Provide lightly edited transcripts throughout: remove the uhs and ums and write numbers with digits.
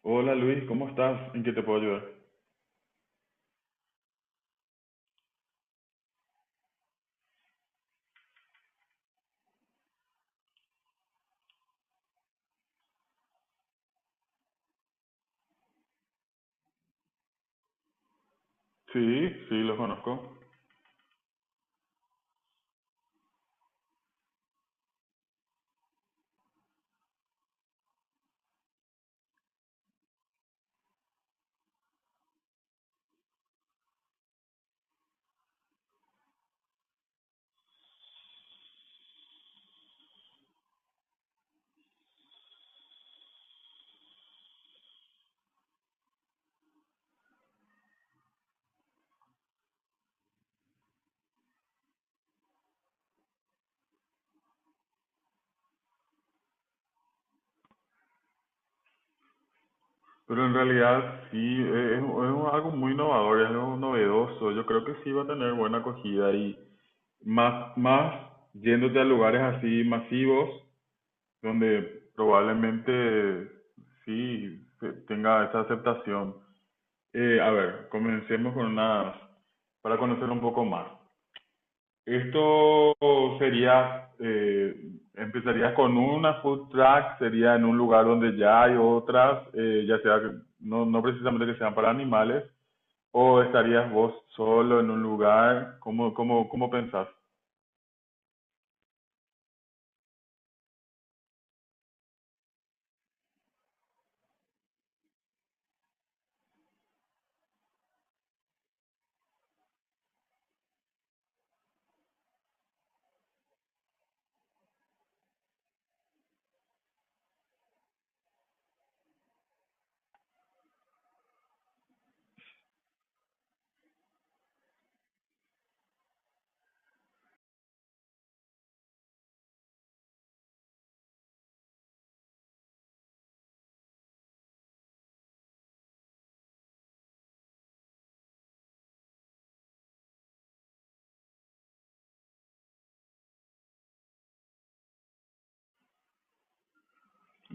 Hola Luis, ¿cómo estás? ¿En qué te puedo ayudar? Sí, sí, los conozco. Pero en realidad sí, es, algo muy innovador, es algo novedoso. Yo creo que sí va a tener buena acogida y más yéndote a lugares así masivos, donde probablemente tenga esa aceptación. A ver, comencemos con unas, para conocer un poco más. Esto sería, empezaría con una food truck, sería en un lugar donde ya hay otras, ya sea, no, no precisamente que sean para animales, o estarías vos solo en un lugar, ¿cómo pensás?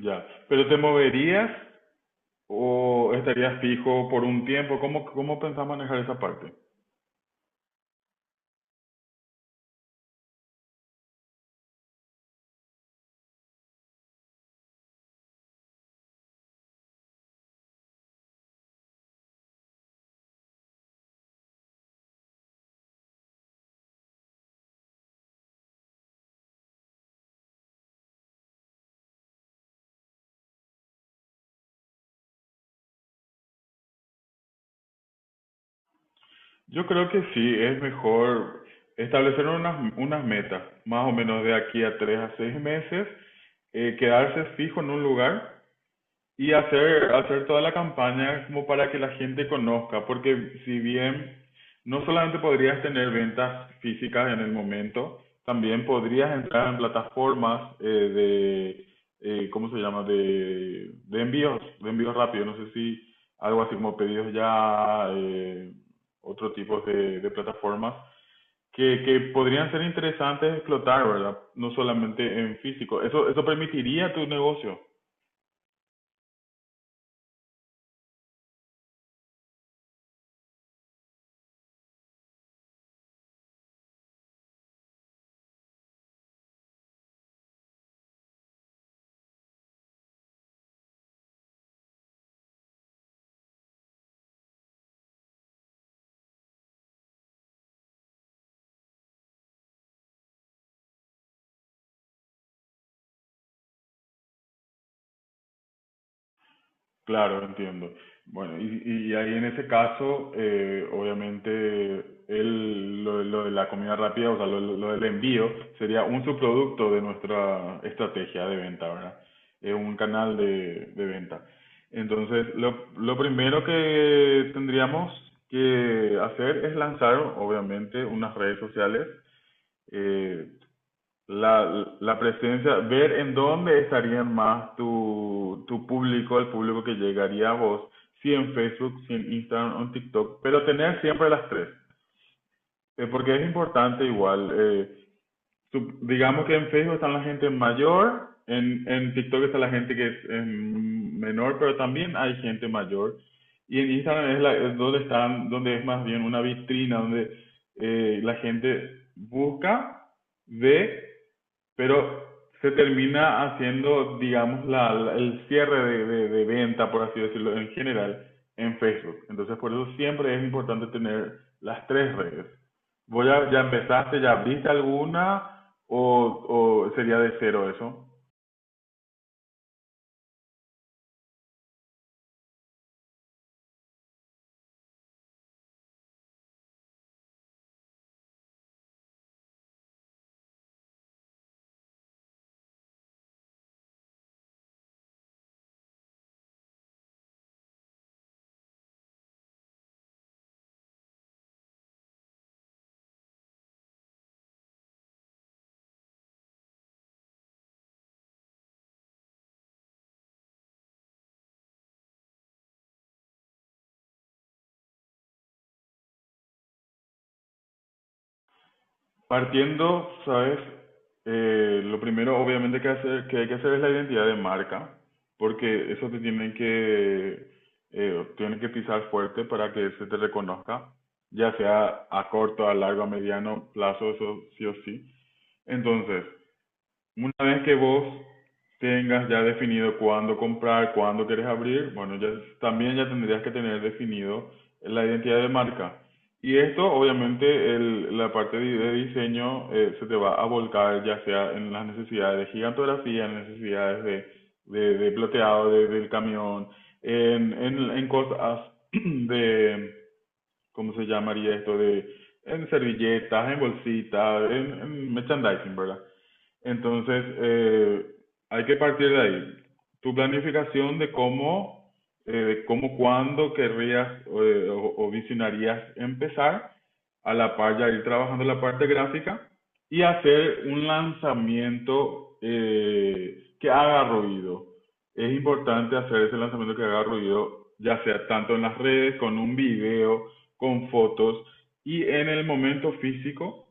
Ya, pero ¿te moverías o estarías fijo por un tiempo? ¿Cómo pensás manejar esa parte? Yo creo que sí, es mejor establecer unas, unas metas, más o menos de aquí a tres a seis meses, quedarse fijo en un lugar y hacer toda la campaña como para que la gente conozca, porque si bien no solamente podrías tener ventas físicas en el momento, también podrías entrar en plataformas de, ¿cómo se llama? De envíos rápidos, no sé si algo así como pedidos ya, otro tipo de plataformas que podrían ser interesantes explotar, ¿verdad? No solamente en físico. Eso permitiría tu negocio. Claro, entiendo. Bueno, y ahí en ese caso, obviamente, el, lo de la comida rápida, o sea, lo del envío, sería un subproducto de nuestra estrategia de venta, ¿verdad? Es un canal de venta. Entonces, lo primero que tendríamos que hacer es lanzar, obviamente, unas redes sociales eh, la, la presencia, ver en dónde estarían más tu, tu público, el público que llegaría a vos, si en Facebook, si en Instagram o en TikTok, pero tener siempre las tres, porque es importante igual. Digamos que en Facebook están la gente mayor, en TikTok está la gente que es menor, pero también hay gente mayor. Y en Instagram es, la, es donde están, donde es más bien una vitrina, donde la gente busca, ve, pero se termina haciendo, digamos, el cierre de, de venta, por así decirlo, en general, en Facebook. Entonces, por eso siempre es importante tener las tres redes. ¿Vos ya empezaste, ya abriste alguna o sería de cero eso? Partiendo, sabes, lo primero obviamente que, que hay que hacer es la identidad de marca, porque eso te tienen que pisar fuerte para que se te reconozca, ya sea a corto, a largo, a mediano plazo, eso sí o sí. Entonces, una vez que vos tengas ya definido cuándo comprar, cuándo quieres abrir, bueno, ya también ya tendrías que tener definido la identidad de marca. Y esto, obviamente, la parte de diseño se te va a volcar ya sea en las necesidades de gigantografía, en necesidades de plateado del camión, en cosas de, ¿cómo se llamaría esto? De, en servilletas, en bolsitas, en merchandising, ¿verdad? Entonces, hay que partir de ahí. Tu planificación de cómo, cuándo querrías o visionarías empezar a la par ya ir trabajando la parte gráfica y hacer un lanzamiento que haga ruido. Es importante hacer ese lanzamiento que haga ruido, ya sea tanto en las redes, con un video, con fotos y en el momento físico,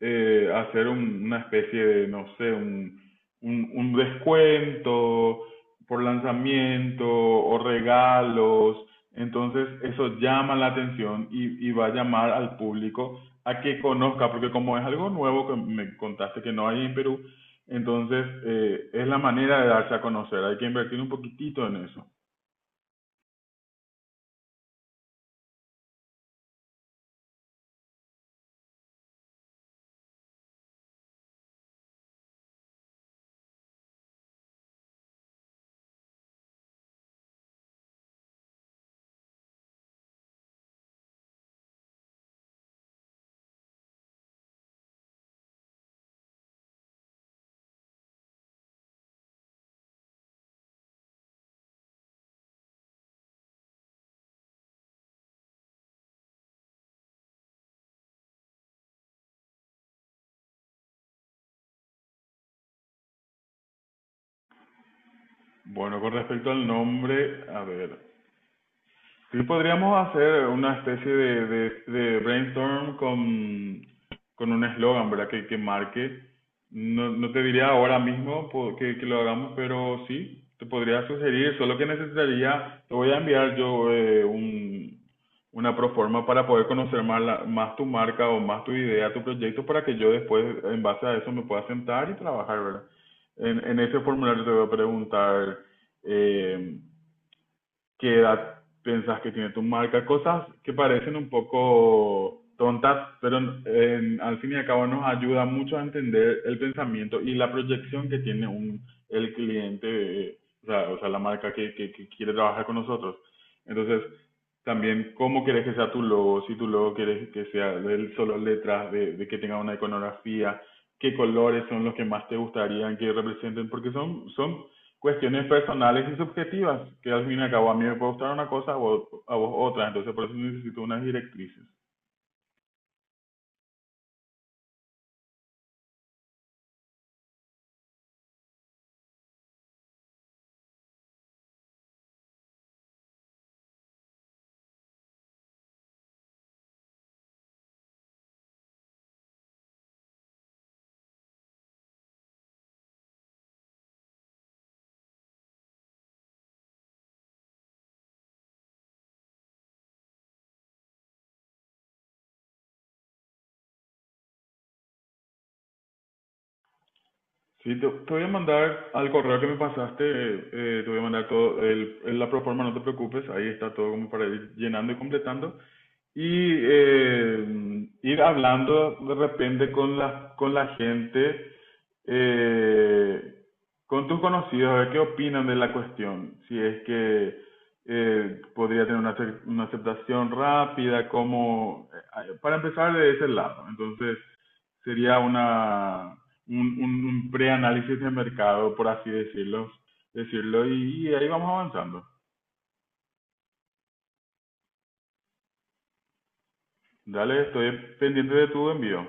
hacer una especie de, no sé, un descuento por lanzamiento o regalos. Entonces eso llama la atención y va a llamar al público a que conozca, porque como es algo nuevo que me contaste que no hay en Perú, entonces es la manera de darse a conocer, hay que invertir un poquitito en eso. Bueno, con respecto al nombre, a ver, sí, podríamos hacer una especie de, de brainstorm con un eslogan, ¿verdad? Que marque. No, no te diría ahora mismo que lo hagamos, pero sí, te podría sugerir, solo que necesitaría, te voy a enviar yo un, una proforma para poder conocer más, más tu marca o más tu idea, tu proyecto, para que yo después, en base a eso, me pueda sentar y trabajar, ¿verdad? En ese formulario te voy a preguntar... eh, qué edad pensás que tiene tu marca, cosas que parecen un poco tontas, pero al fin y al cabo nos ayuda mucho a entender el pensamiento y la proyección que tiene un, el cliente, o sea, la marca que quiere trabajar con nosotros. Entonces, también cómo querés que sea tu logo, si tu logo querés que sea de solo letras, de, que tenga una iconografía, qué colores son los que más te gustarían que representen, porque son, son cuestiones personales y subjetivas, que al fin y al cabo a mí me puede gustar una cosa, a vos otra, entonces por eso necesito unas directrices. Sí, te voy a mandar al correo que me pasaste, te voy a mandar todo, el, la proforma, no te preocupes, ahí está todo como para ir llenando y completando. Y ir hablando de repente con la gente, eh, con tus conocidos, a ver qué opinan de la cuestión. Si es que podría tener una, una aceptación rápida, como, para empezar de ese lado. Entonces, sería una, un preanálisis de mercado, por así decirlo y ahí vamos avanzando. Dale, estoy pendiente de tu envío.